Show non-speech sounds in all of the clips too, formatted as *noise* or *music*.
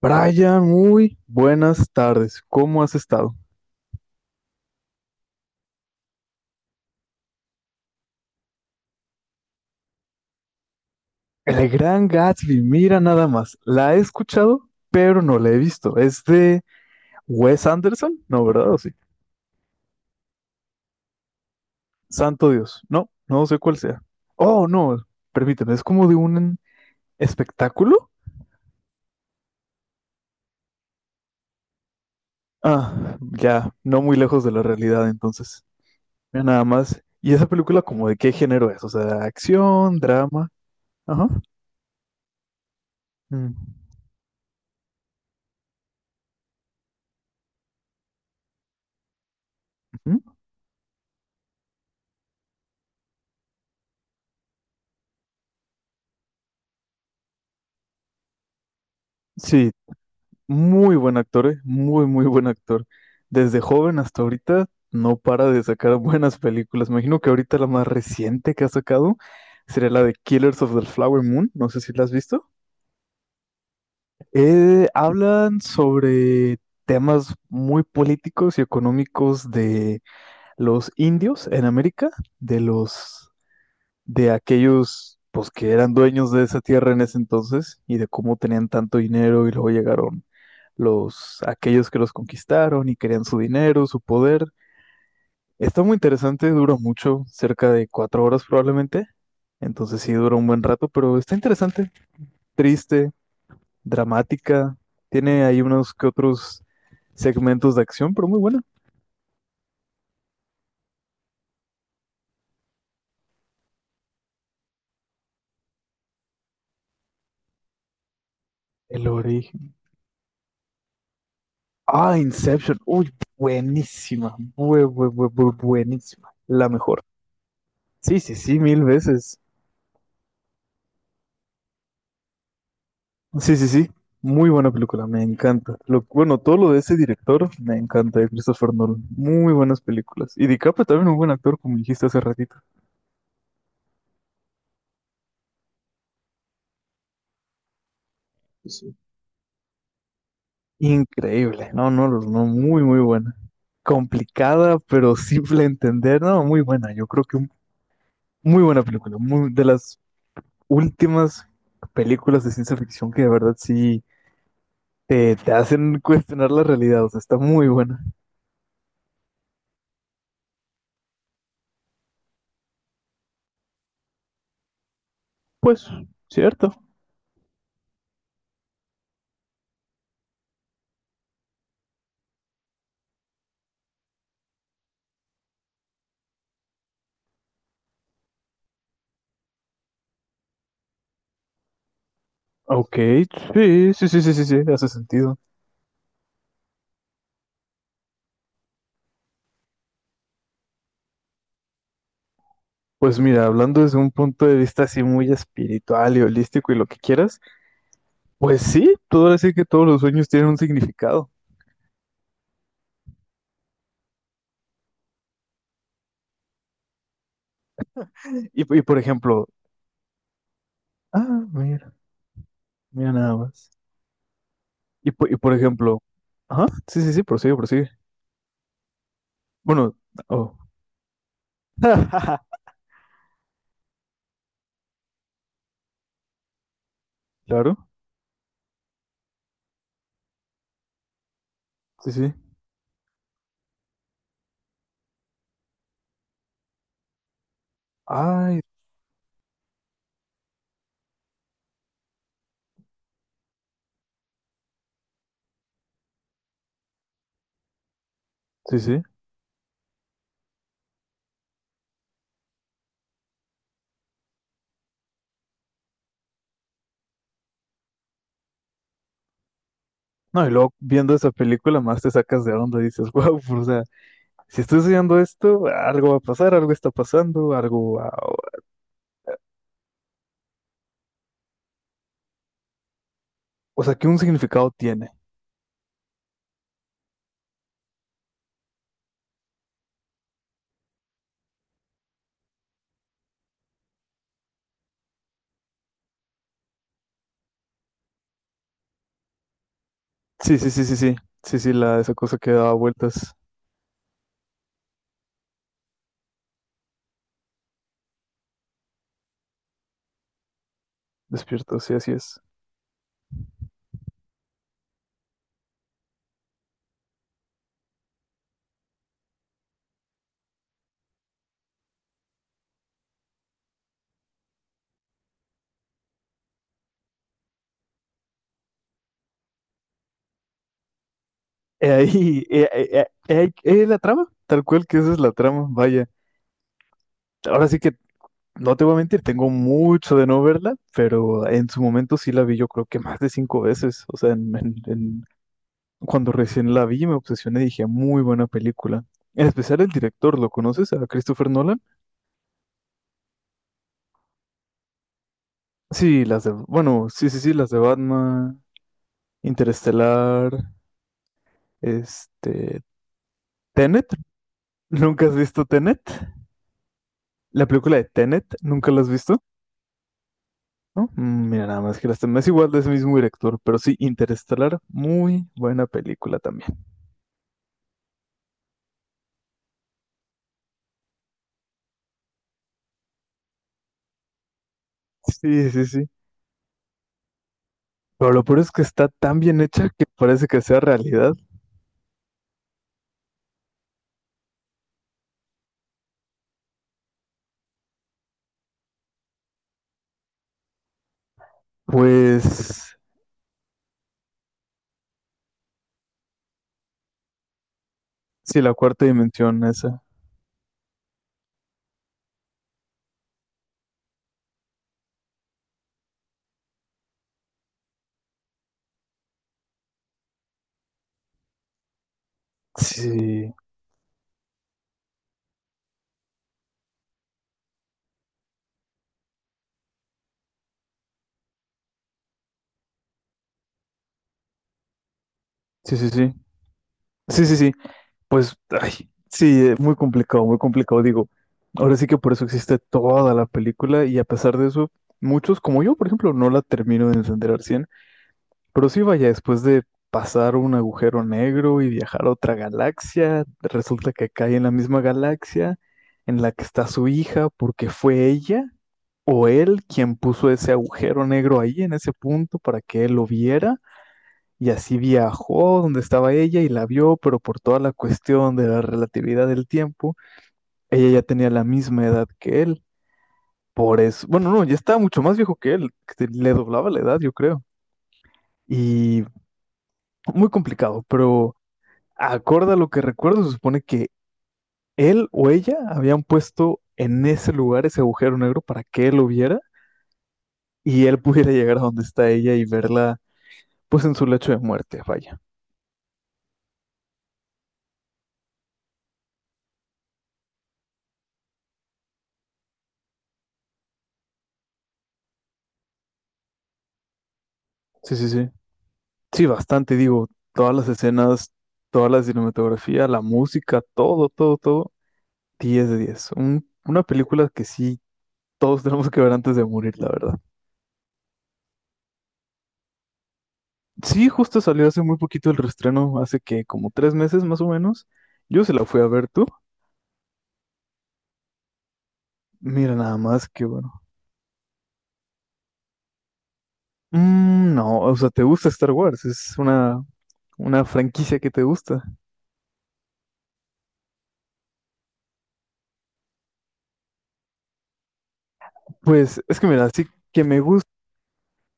Brian, muy buenas tardes. ¿Cómo has estado? El gran Gatsby, mira nada más. La he escuchado, pero no la he visto. ¿Es de Wes Anderson? No, ¿verdad? ¿O sí? Santo Dios. No, no sé cuál sea. Oh, no, permíteme, es como de un espectáculo. Ah, ya, no muy lejos de la realidad entonces. Mira nada más. ¿Y esa película como de qué género es? O sea, acción, drama. Ajá. Mm, ujú. Sí, muy buen actor, ¿eh? Muy, muy buen actor. Desde joven hasta ahorita no para de sacar buenas películas. Me imagino que ahorita la más reciente que ha sacado sería la de Killers of the Flower Moon. No sé si la has visto. Hablan sobre temas muy políticos y económicos de los indios en América, de los, de aquellos, pues, que eran dueños de esa tierra en ese entonces y de cómo tenían tanto dinero y luego llegaron los aquellos que los conquistaron y querían su dinero, su poder. Está muy interesante, dura mucho, cerca de 4 horas probablemente. Entonces sí dura un buen rato, pero está interesante, triste, dramática. Tiene ahí unos que otros segmentos de acción, pero muy buena. El origen. Ah, Inception. Uy, buenísima. Buenísima. La mejor. Sí, sí, sí, 1000 veces. Sí, sí, sí. Muy buena película, me encanta. Lo, bueno, todo lo de ese director me encanta, de Christopher Nolan. Muy buenas películas. Y DiCaprio también un buen actor, como dijiste hace ratito. Sí. Increíble. No, no, no, no, muy, muy buena. Complicada, pero simple de entender. No, muy buena. Yo creo que un- muy buena película. Muy, de las últimas películas de ciencia ficción que de verdad sí te hacen cuestionar la realidad. O sea, está muy buena. Pues, cierto. Ok, sí, sí, sí, sí, sí, sí, hace sentido. Pues mira, hablando desde un punto de vista así muy espiritual y holístico y lo que quieras, pues sí, todo ahora sí que todos los sueños tienen un significado. Y por ejemplo, ah, mira, mira nada más. Y por ejemplo, ajá, sí, sí, sí, prosigue, prosigue. Bueno, oh, *laughs* claro, sí, sí. Ay, sí, sí. No, y luego viendo esa película más te sacas de onda, dices, *laughs* wow, o sea, si estoy soñando esto, algo va a pasar, algo está pasando, algo, va- O sea, que un significado tiene. Sí, sí, sí, sí, sí. Sí, sí, la, esa cosa que da vueltas despierto, sí, así es. He ahí, he- he- he- he ahí- he la trama, tal cual que esa es la trama, vaya. Ahora sí que no te voy a mentir, tengo mucho de no verla, pero en su momento sí la vi yo creo que más de cinco veces, o sea, en cuando recién la vi, me obsesioné y dije, muy buena película. En especial el director, ¿lo conoces? ¿A Christopher Nolan? Sí, las de, bueno, sí, sí, sí, las de Batman, Interestelar, este, Tenet. *laughs* ¿Nunca has visto Tenet? La película de Tenet, ¿nunca la has visto? ¿No? Mm, mira, nada más que las temas igual de ese mismo director, pero sí, Interestelar, muy buena película también. Sí, sí, sí. Pero lo peor es que está tan bien hecha que parece que sea realidad. Pues sí, la cuarta dimensión esa. Sí, sí, sí, sí. Sí, sí, sí. Pues, ay, sí, muy complicado, muy complicado. Digo, ahora sí que por eso existe toda la película y a pesar de eso, muchos, como yo, por ejemplo, no la termino de entender al 100. Pero sí, vaya, después de pasar un agujero negro y viajar a otra galaxia, resulta que cae en la misma galaxia en la que está su hija porque fue ella o él quien puso ese agujero negro ahí en ese punto para que él lo viera. Y así viajó donde estaba ella y la vio, pero por toda la cuestión de la relatividad del tiempo, ella ya tenía la misma edad que él. Por eso, bueno, no, ya estaba mucho más viejo que él, que le doblaba la edad, yo creo. Y muy complicado, pero acorde a lo que recuerdo, se supone que él o ella habían puesto en ese lugar ese agujero negro para que él lo viera y él pudiera llegar a donde está ella y verla, pues en su lecho de muerte, vaya. Sí, sí, sí. Sí, bastante, digo, todas las escenas, toda la cinematografía, la música, todo, todo, todo, 10 de 10. Una película que sí todos *laughs* tenemos que ver antes de morir, la verdad. Sí, justo salió hace muy poquito el reestreno, hace que como 3 meses más o menos. Yo se la fui a ver tú. Mira nada más que bueno. Mm, no, o sea, ¿te gusta Star Wars? Es una franquicia que te gusta. Pues es que mira, sí que me gusta.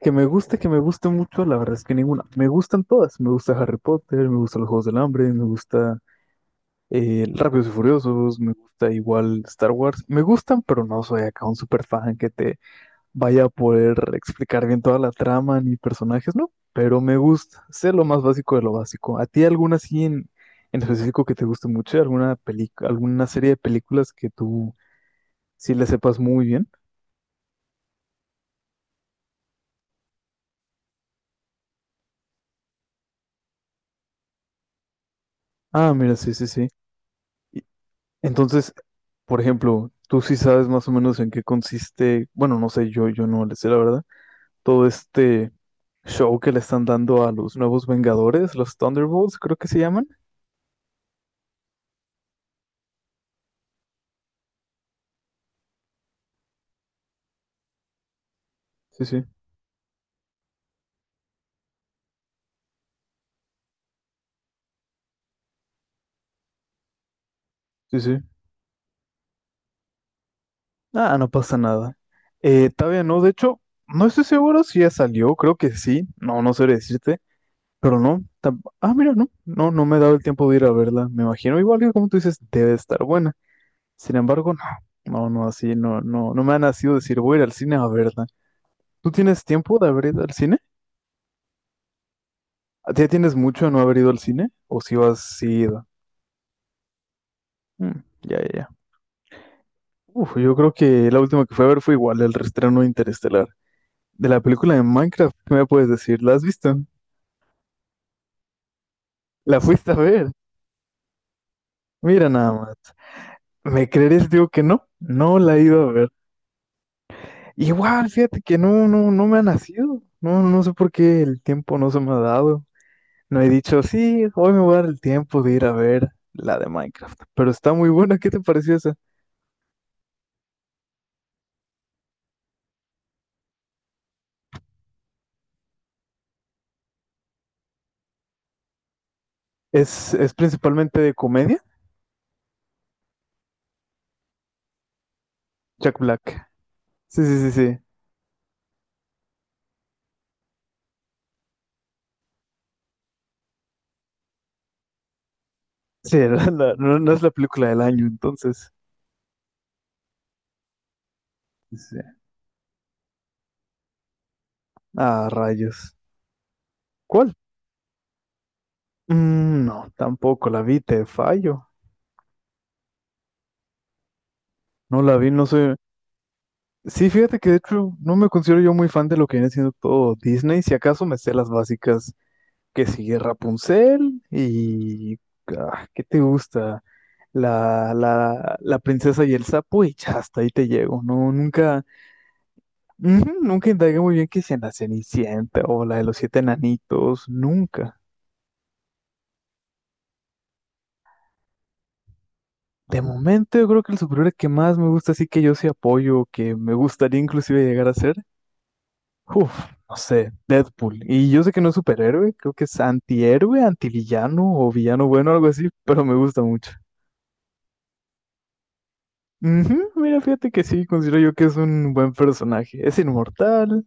Que me guste mucho, la verdad es que ninguna. Me gustan todas. Me gusta Harry Potter, me gustan los Juegos del Hambre, me gusta Rápidos y Furiosos, me gusta igual Star Wars. Me gustan, pero no soy acá un super fan que te vaya a poder explicar bien toda la trama ni personajes, no. Pero me gusta. Sé lo más básico de lo básico. ¿A ti alguna así en específico que te guste mucho? ¿Alguna película, alguna serie de películas que tú sí le sepas muy bien? Ah, mira, sí, sí, sí. Entonces, por ejemplo, tú sí sabes más o menos en qué consiste, bueno, no sé, yo no le sé la verdad, todo este show que le están dando a los nuevos Vengadores, los Thunderbolts, creo que se llaman. Sí, sí, sí, sí. Ah, no pasa nada. Todavía no, de hecho, no estoy seguro si ya salió, creo que sí, no, no sé decirte, pero no. Ah, mira, no, no, no me he dado el tiempo de ir a verla, me imagino, igual que como tú dices, debe estar buena. Sin embargo, no, no, no, así, no, no, no me ha nacido decir, voy a ir al cine a verla. ¿Tú tienes tiempo de haber ido al cine? ¿Ya tienes mucho de no haber ido al cine? ¿O si vas has ido? Mm, ya, ya, ya. Uf, yo creo que la última que fui a ver fue igual, el reestreno de Interestelar. De la película de Minecraft, ¿qué me puedes decir? ¿La has visto? ¿La fuiste a ver? Mira nada más. ¿Me crees? Digo que no. No la he ido a ver. Igual, fíjate que no, no, no me ha nacido. No, no sé por qué el tiempo no se me ha dado. No he dicho, sí, hoy me voy a dar el tiempo de ir a ver la de Minecraft. Pero está muy buena, ¿qué te pareció esa? Es principalmente de comedia, Jack Black. Sí, sí, sí, sí. Sí, *laughs* no, no es la película del año, entonces. Sí, sí. Ah, rayos. ¿Cuál? Mm, no, tampoco la vi, te fallo. No la vi, no sé. Sí, fíjate que de hecho no me considero yo muy fan de lo que viene siendo todo Disney. Si acaso me sé las básicas que sigue Rapunzel y... ah, ¿qué te gusta? La princesa y el sapo y ya hasta ahí te llego. No, nunca, ujú, nunca indagué muy bien qué si la Cenicienta o la de los siete enanitos, nunca. De momento yo creo que el superhéroe que más me gusta, así que yo sí apoyo, que me gustaría inclusive llegar a ser, uf, no sé, Deadpool. Y yo sé que no es superhéroe, creo que es antihéroe, antivillano o villano bueno, algo así, pero me gusta mucho. Ujú, mira, fíjate que sí, considero yo que es un buen personaje. Es inmortal,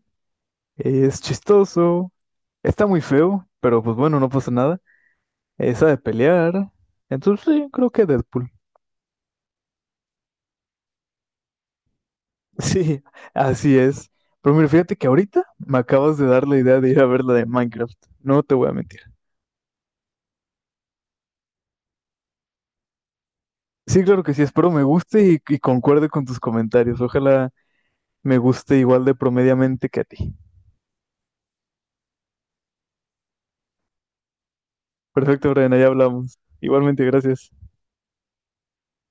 es chistoso, está muy feo, pero pues bueno, no pasa nada. Esa de pelear. Entonces, sí, creo que Deadpool. *laughs* Sí, así es. Pero mira, fíjate que ahorita me acabas de dar la idea de ir a ver la de Minecraft. No te voy a mentir. Sí, claro que sí, espero me guste y concuerde con tus comentarios. Ojalá me guste igual de promediamente que a ti. Perfecto, Brian, ya hablamos. Igualmente, gracias.